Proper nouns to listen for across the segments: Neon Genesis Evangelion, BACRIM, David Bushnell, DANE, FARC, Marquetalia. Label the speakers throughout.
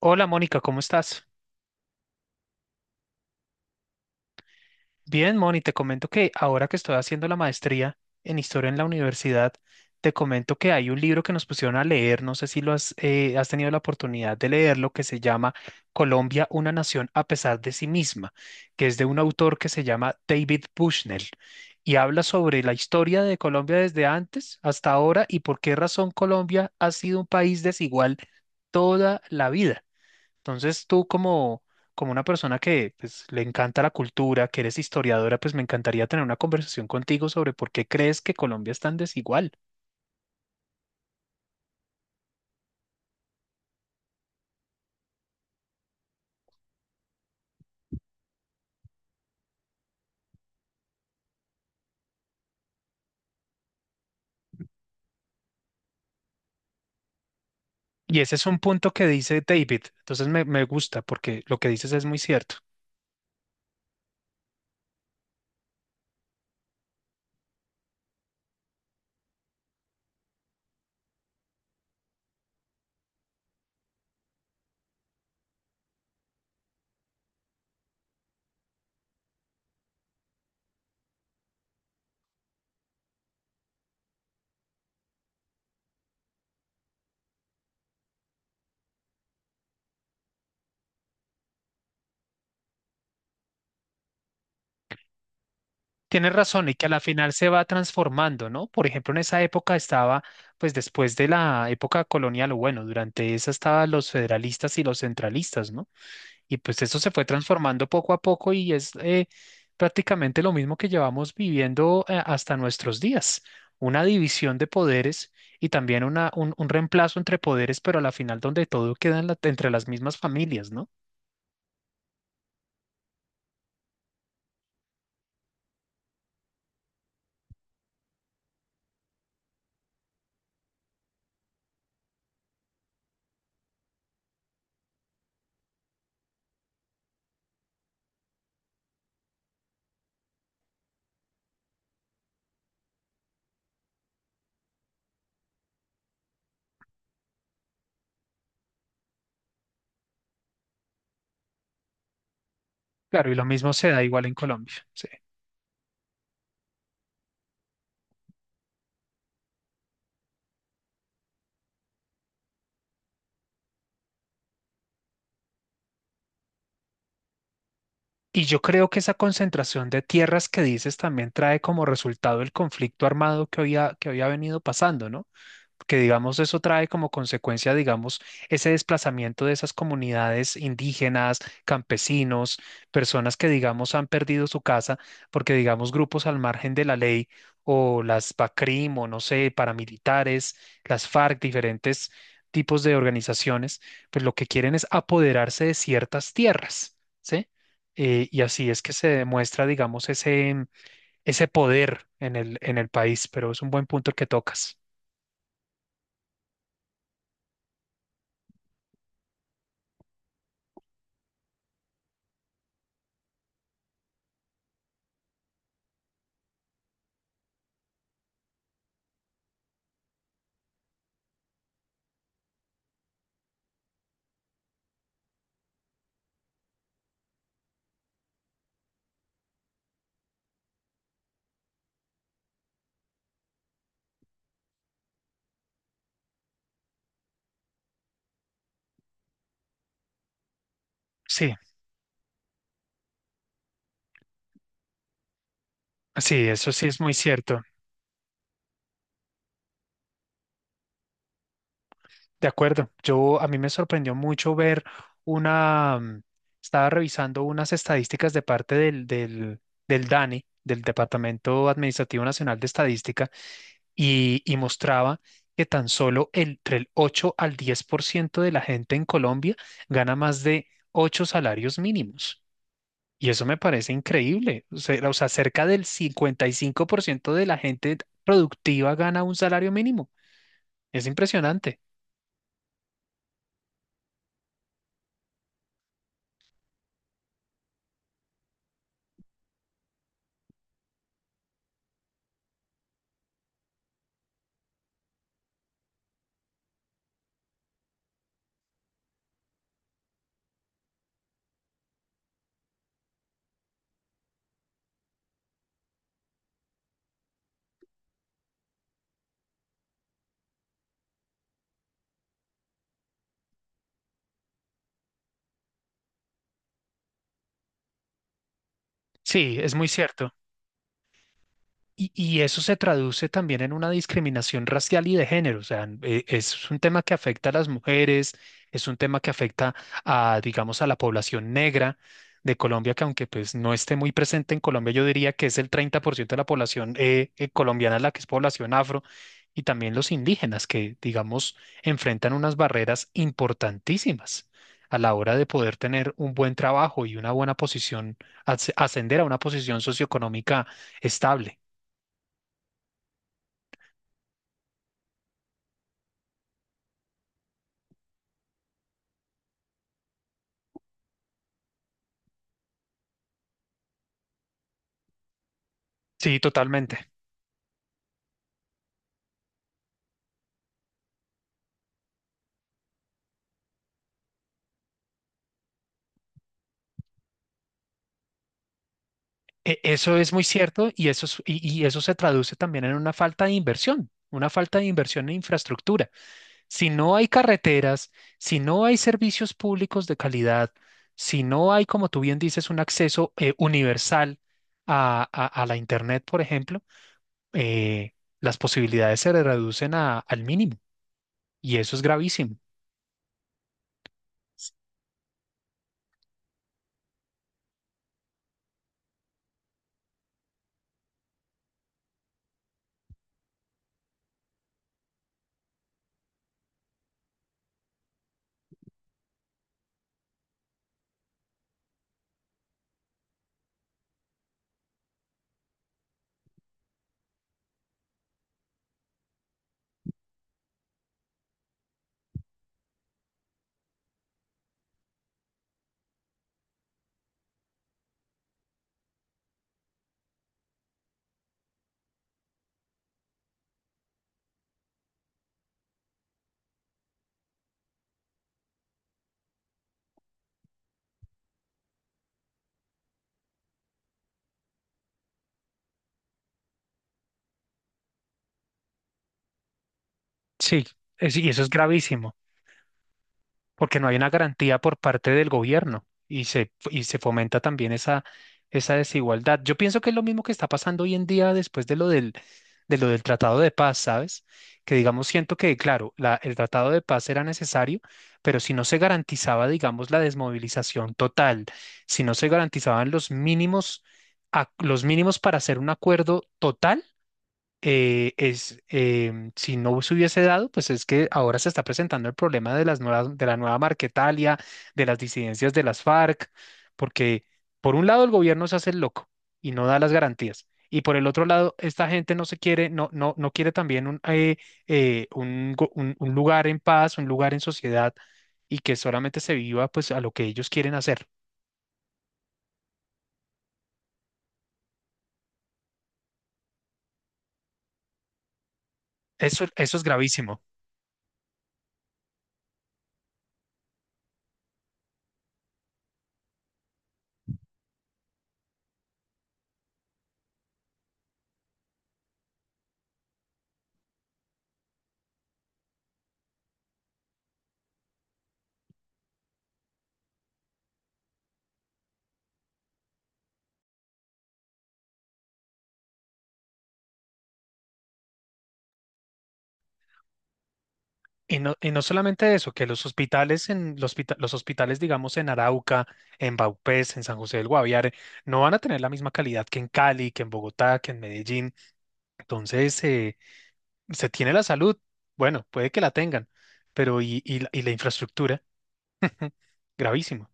Speaker 1: Hola Mónica, ¿cómo estás? Bien, Moni, te comento que ahora que estoy haciendo la maestría en historia en la universidad, te comento que hay un libro que nos pusieron a leer, no sé si lo has, has tenido la oportunidad de leerlo, que se llama Colombia, una nación a pesar de sí misma, que es de un autor que se llama David Bushnell y habla sobre la historia de Colombia desde antes hasta ahora y por qué razón Colombia ha sido un país desigual toda la vida. Entonces tú como, como una persona que pues, le encanta la cultura, que eres historiadora, pues me encantaría tener una conversación contigo sobre por qué crees que Colombia es tan desigual. Y ese es un punto que dice David. Entonces me gusta porque lo que dices es muy cierto. Tienes razón y que a la final se va transformando, ¿no? Por ejemplo, en esa época estaba, pues después de la época colonial, o bueno, durante esa estaban los federalistas y los centralistas, ¿no? Y pues eso se fue transformando poco a poco y es prácticamente lo mismo que llevamos viviendo hasta nuestros días. Una división de poderes y también una, un reemplazo entre poderes, pero a la final donde todo queda en entre las mismas familias, ¿no? Claro, y lo mismo se da igual en Colombia. Sí. Y yo creo que esa concentración de tierras que dices también trae como resultado el conflicto armado que había venido pasando, ¿no? Que digamos eso trae como consecuencia, digamos, ese desplazamiento de esas comunidades indígenas, campesinos, personas que digamos han perdido su casa porque digamos grupos al margen de la ley o las BACRIM o no sé, paramilitares, las FARC, diferentes tipos de organizaciones, pues lo que quieren es apoderarse de ciertas tierras, ¿sí? Y así es que se demuestra, digamos, ese poder en en el país, pero es un buen punto el que tocas. Sí. Sí, eso sí es muy cierto. De acuerdo. Yo a mí me sorprendió mucho ver una, estaba revisando unas estadísticas de parte del DANE, del Departamento Administrativo Nacional de Estadística, y mostraba que tan solo entre el 8 al 10% de la gente en Colombia gana más de 8 salarios mínimos. Y eso me parece increíble. O sea, cerca del 55% de la gente productiva gana un salario mínimo. Es impresionante. Sí, es muy cierto. Y eso se traduce también en una discriminación racial y de género. O sea, es un tema que afecta a las mujeres, es un tema que afecta a, digamos, a la población negra de Colombia, que aunque pues no esté muy presente en Colombia, yo diría que es el 30% de la población colombiana la que es población afro, y también los indígenas que, digamos, enfrentan unas barreras importantísimas a la hora de poder tener un buen trabajo y una buena posición, ascender a una posición socioeconómica estable. Sí, totalmente. Eso es muy cierto y eso se traduce también en una falta de inversión, una falta de inversión en infraestructura. Si no hay carreteras, si no hay servicios públicos de calidad, si no hay, como tú bien dices, un acceso universal a la Internet, por ejemplo, eh, las posibilidades se reducen al mínimo y eso es gravísimo. Sí, y eso es gravísimo. Porque no hay una garantía por parte del gobierno y y se fomenta también esa desigualdad. Yo pienso que es lo mismo que está pasando hoy en día después de de lo del Tratado de Paz, ¿sabes? Que digamos, siento que, claro, el Tratado de Paz era necesario, pero si no se garantizaba, digamos, la desmovilización total, si no se garantizaban los mínimos, los mínimos para hacer un acuerdo total, si no se hubiese dado, pues es que ahora se está presentando el problema de de la nueva Marquetalia, de las disidencias de las FARC, porque por un lado el gobierno se hace el loco y no da las garantías, y por el otro lado esta gente no se quiere, no quiere también un lugar en paz, un lugar en sociedad y que solamente se viva pues a lo que ellos quieren hacer. Eso es gravísimo. Y no solamente eso, que los hospitales en los hospitales, digamos, en Arauca, en Vaupés, en San José del Guaviare, no van a tener la misma calidad que en Cali, que en Bogotá, que en Medellín. Entonces, se tiene la salud. Bueno, puede que la tengan, pero y la infraestructura, gravísimo.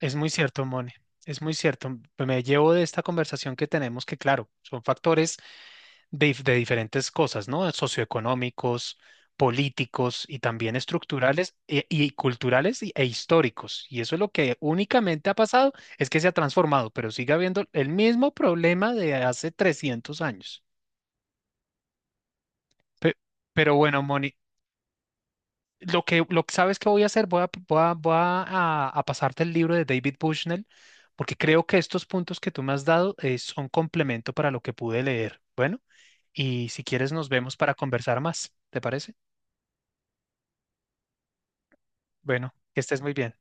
Speaker 1: Es muy cierto, Mone. Es muy cierto. Me llevo de esta conversación que tenemos que, claro, son factores de, de diferentes cosas, ¿no? Socioeconómicos, políticos y también estructurales y culturales e históricos. Y eso es lo que únicamente ha pasado, es que se ha transformado, pero sigue habiendo el mismo problema de hace 300 años. Pe- Pero bueno, Moni, lo que sabes que voy a hacer, a pasarte el libro de David Bushnell, porque creo que estos puntos que tú me has dado son complemento para lo que pude leer. Bueno, y si quieres nos vemos para conversar más, ¿te parece? Bueno, que estés muy bien.